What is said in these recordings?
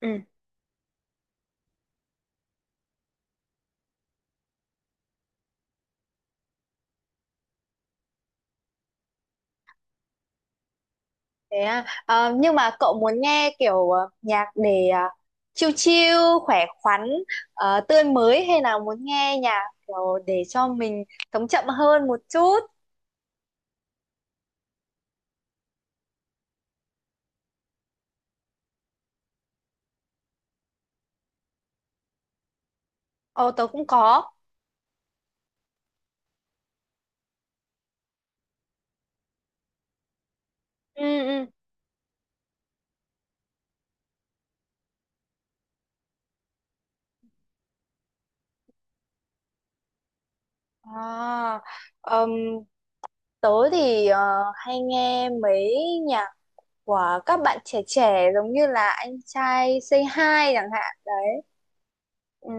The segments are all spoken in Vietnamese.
Ừ, thế à. Ờ, nhưng mà cậu muốn nghe kiểu nhạc để chill chill, khỏe khoắn, tươi mới hay là muốn nghe nhạc kiểu để cho mình sống chậm hơn một chút? Ồ, tớ cũng có. Ừ, ừ. À, ừm, tớ thì hay nghe mấy nhạc của các bạn trẻ trẻ giống như là anh trai Say Hi chẳng hạn đấy. Ừ,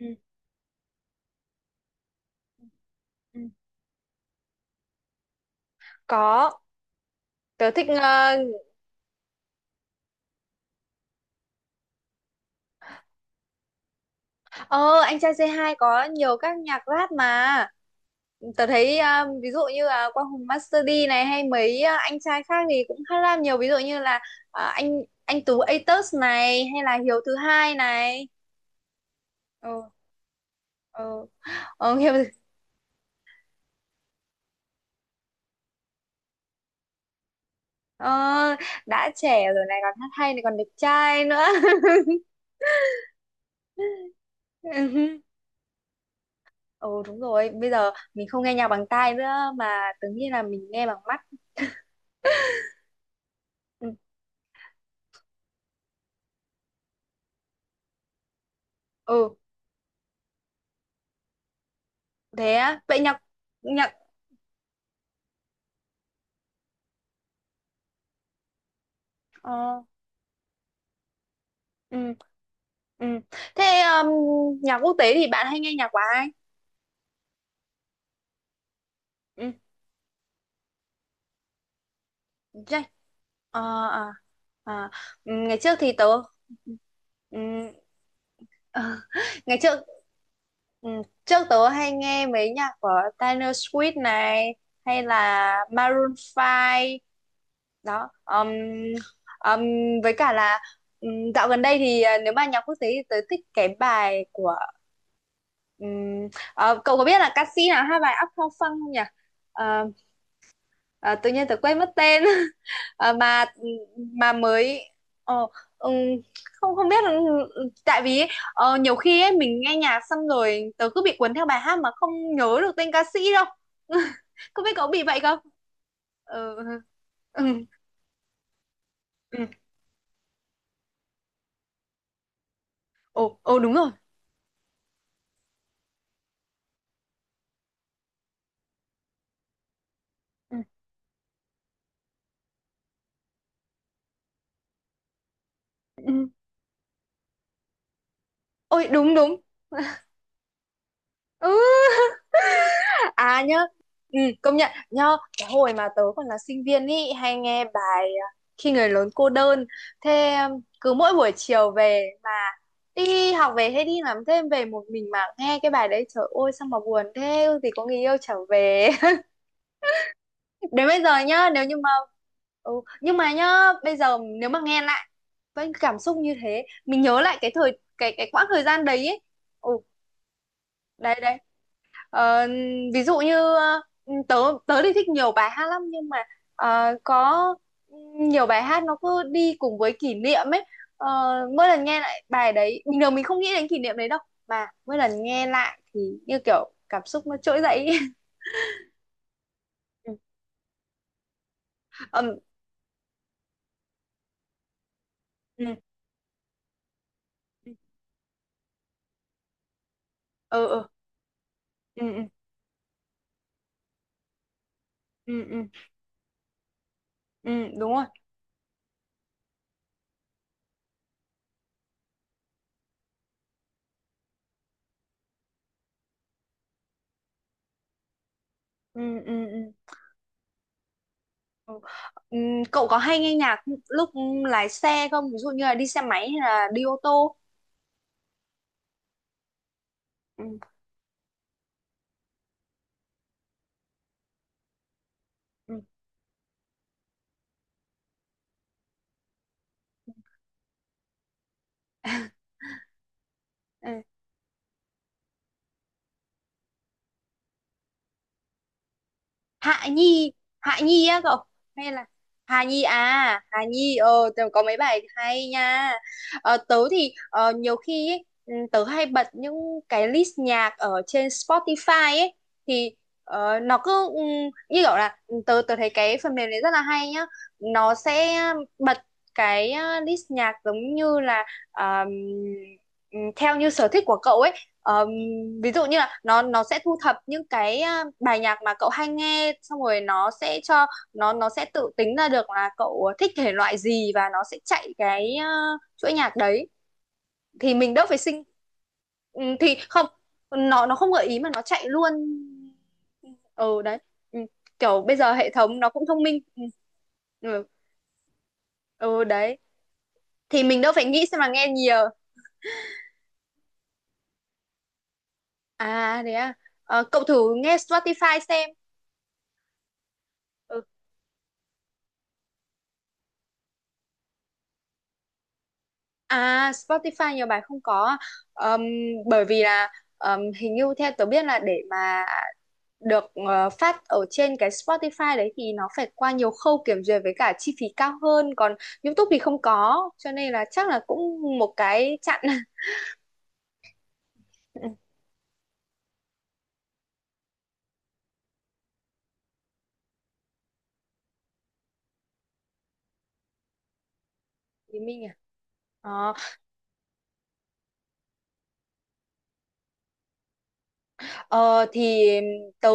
ừ, ừ. Có, tớ thích Ờ, anh trai C2 có nhiều các nhạc rap mà. Tớ thấy ví dụ như là Quang Hùng Master D này hay mấy anh trai khác thì cũng khá là nhiều ví dụ như là anh Tú Atos này hay là Hiếu thứ hai này. Ừ, ừ. Hiếu ờ, đã trẻ rồi này còn hát hay này còn đẹp trai nữa. Ừ, đúng rồi, bây giờ mình không nghe nhạc bằng tai nữa mà tưởng như là mình nghe bằng mắt. Ừ, ừ, thế á. Vậy nhạc nhạc ờ, ừ, ừ, thế nhạc quốc tế thì bạn hay nghe nhạc của ai? Ừ, Jack ờ, à, à. Ừ, ngày trước thì tớ ừ, Ờ, ngày trước ừ, trước tớ hay nghe mấy nhạc của Taylor Swift này hay là Maroon Five đó, um, với cả là um, dạo gần đây thì nếu mà nhạc quốc tế thì tớ thích cái bài của, ờ, cậu có biết là ca sĩ nào hát bài Uptown Funk không nhỉ? Ờ, Ờ, tự nhiên tớ quên mất tên. Ờ, mà mà mới ờ, ừm, không không biết là- tại vì ấy, nhiều khi ấy, mình nghe nhạc xong rồi tớ cứ bị cuốn theo bài hát mà không nhớ được tên ca sĩ đâu. Không biết có bị vậy không. Ừ, ừ, ừ. Ồ, ồ, đúng rồi. Ừ. Ừ. Ôi, đúng đúng. Ừ. À, nhớ. Công nhận nhớ cái hồi mà tớ còn là sinh viên ý hay nghe bài Khi người lớn cô đơn, thế cứ mỗi buổi chiều về mà đi học về hay đi làm thêm về một mình mà nghe cái bài đấy trời ơi sao mà buồn thế thì có người yêu trở về. Đến bây giờ nhá nếu như mà ừ, nhưng mà nhá bây giờ nếu mà nghe lại với cảm xúc như thế mình nhớ lại cái thời cái quãng thời gian đấy ấy. Ừ, đấy đấy. Ờ, Ví dụ như tớ tớ thì thích nhiều bài hát lắm nhưng mà ờ, có nhiều bài hát nó cứ đi cùng với kỷ niệm ấy. Ờ, Mỗi lần nghe lại bài đấy bình thường mình không nghĩ đến kỷ niệm đấy đâu mà mỗi lần nghe lại thì như kiểu cảm xúc nó trỗi dậy ấy. Ừ. Ừ, ừ, ừ, ừ, ừ, ừ, ừ, ừ, đúng rồi, ừ, ừ, ừ, ừ. Cậu có hay nghe nhạc lúc lái xe không, ví dụ như là đi xe máy hay là đi ô tô? Ừ, ừ, ừ. Hạ Nhi, Hạ Nhi á cậu, hay là Hà Nhi, à Hà Nhi. Ờ Tớ có mấy bài hay nha. Tớ thì nhiều khi ấy, tớ hay bật những cái list nhạc ở trên Spotify ấy, thì nó cứ như kiểu là tớ tớ thấy cái phần mềm này rất là hay nhá, nó sẽ bật cái list nhạc giống như là um, theo như sở thích của cậu ấy, um, ví dụ như là nó sẽ thu thập những cái bài nhạc mà cậu hay nghe xong rồi nó sẽ cho nó sẽ tự tính ra được là cậu thích thể loại gì và nó sẽ chạy cái chuỗi nhạc đấy thì mình đỡ phải sinh. Ừ, thì không, nó không gợi ý mà nó chạy luôn. Ừ, đấy. Ừ, kiểu bây giờ hệ thống nó cũng thông minh. Ừ, ừ, đấy, thì mình đâu phải nghĩ xem là nghe nhiều. À, đấy à. Cậu thử nghe Spotify xem. Ừ. À, Spotify nhiều bài không có. Ờm, Bởi vì là hình như theo tớ biết là để mà được phát ở trên cái Spotify đấy thì nó phải qua nhiều khâu kiểm duyệt với cả chi phí cao hơn. Còn YouTube thì không có. Cho nên là chắc là cũng một cái chặn. Ừ. Thì mình à? Ờ, ờ, thì tớ,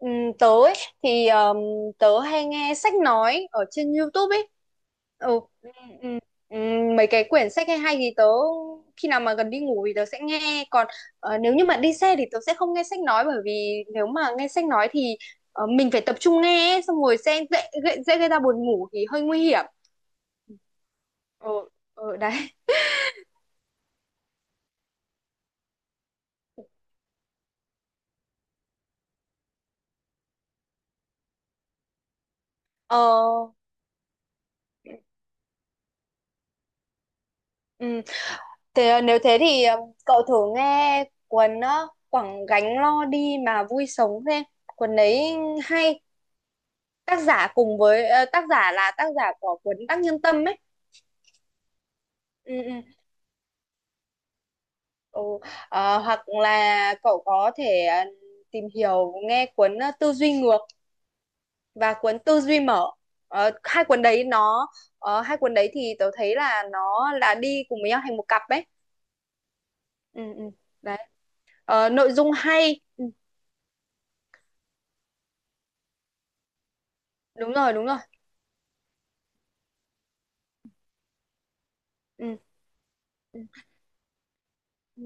ừ, tớ ấy, thì tớ hay nghe sách nói ở trên YouTube ấy. Ừ, ừ, ừ, ừ, mấy cái quyển sách hay hay thì tớ khi nào mà gần đi ngủ thì tớ sẽ nghe, còn nếu như mà đi xe thì tớ sẽ không nghe sách nói bởi vì nếu mà nghe sách nói thì mình phải tập trung nghe ấy, xong rồi sẽ dễ, dễ, dễ gây ra buồn ngủ thì hơi nguy hiểm. Ừ, ừ, đấy. Ờ, ừ. Thế nếu thế thì cậu thử nghe cuốn Quẳng gánh lo đi mà vui sống xem. Cuốn đấy hay. Tác giả cùng với ờ, Tác giả là tác giả của cuốn Đắc Nhân Tâm ấy. Ừ, ừ. Ừ. Hoặc là cậu có thể tìm hiểu nghe cuốn Tư duy ngược và cuốn Tư duy mở. Ờ, hai cuốn đấy nó Hai cuốn đấy thì tớ thấy là nó là đi cùng với nhau thành một cặp ấy. Ừ, ừ. Đấy. Nội dung hay. Ừ, đúng rồi, đúng rồi. Ừ. Ừ.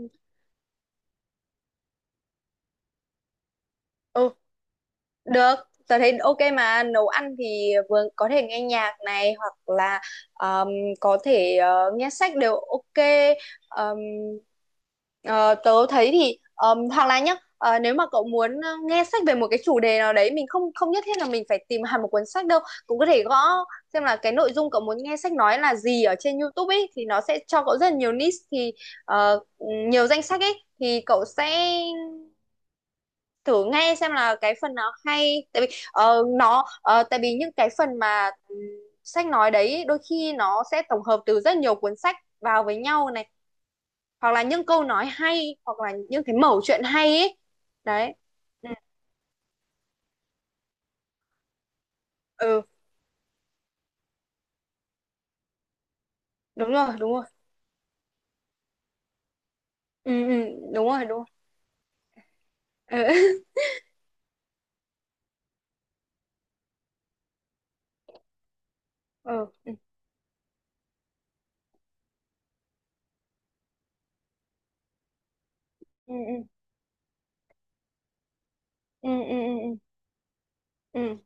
Ừ, được, tớ thấy ok mà nấu ăn thì vừa có thể nghe nhạc này hoặc là um, có thể nghe sách đều ok. Um, ờ, Tớ thấy thì hoặc là nhá, nếu mà cậu muốn nghe sách về một cái chủ đề nào đấy, mình không không nhất thiết là mình phải tìm hẳn một cuốn sách đâu, cũng có thể gõ xem là cái nội dung cậu muốn nghe sách nói là gì ở trên YouTube ấy thì nó sẽ cho cậu rất là nhiều niche thì ờ, nhiều danh sách ấy thì cậu sẽ thử nghe xem là cái phần nào hay, tại vì ờ, nó ờ, tại vì những cái phần mà sách nói đấy đôi khi nó sẽ tổng hợp từ rất nhiều cuốn sách vào với nhau này hoặc là những câu nói hay hoặc là những cái mẩu chuyện hay ấy. Đấy. Ừ, ừ, đúng rồi, đúng rồi. Ừ, ừ, đúng rồi, đúng rồi. Ừ. Ừ, ừ, ừ, ừ, ừ, ừ, ừ,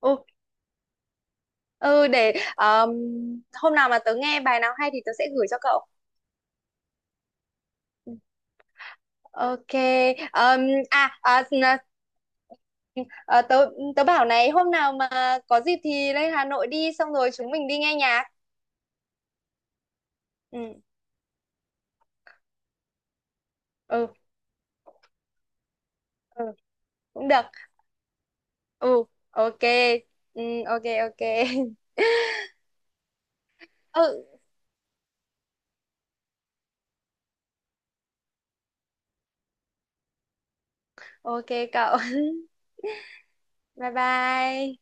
ừ, ừ, để hôm nào mà tớ nghe bài nào hay thì tớ sẽ gửi cho cậu. Ok. Ờm, à, à n- ờ, tớ tớ bảo này hôm nào mà có dịp thì lên Hà Nội đi xong rồi chúng mình đi nghe nhạc. Ừ. Ừ. Ừ. Cũng được. Ừ. Ok. Ừ, ok, ok. Ừ. Ok cậu. Bye bye.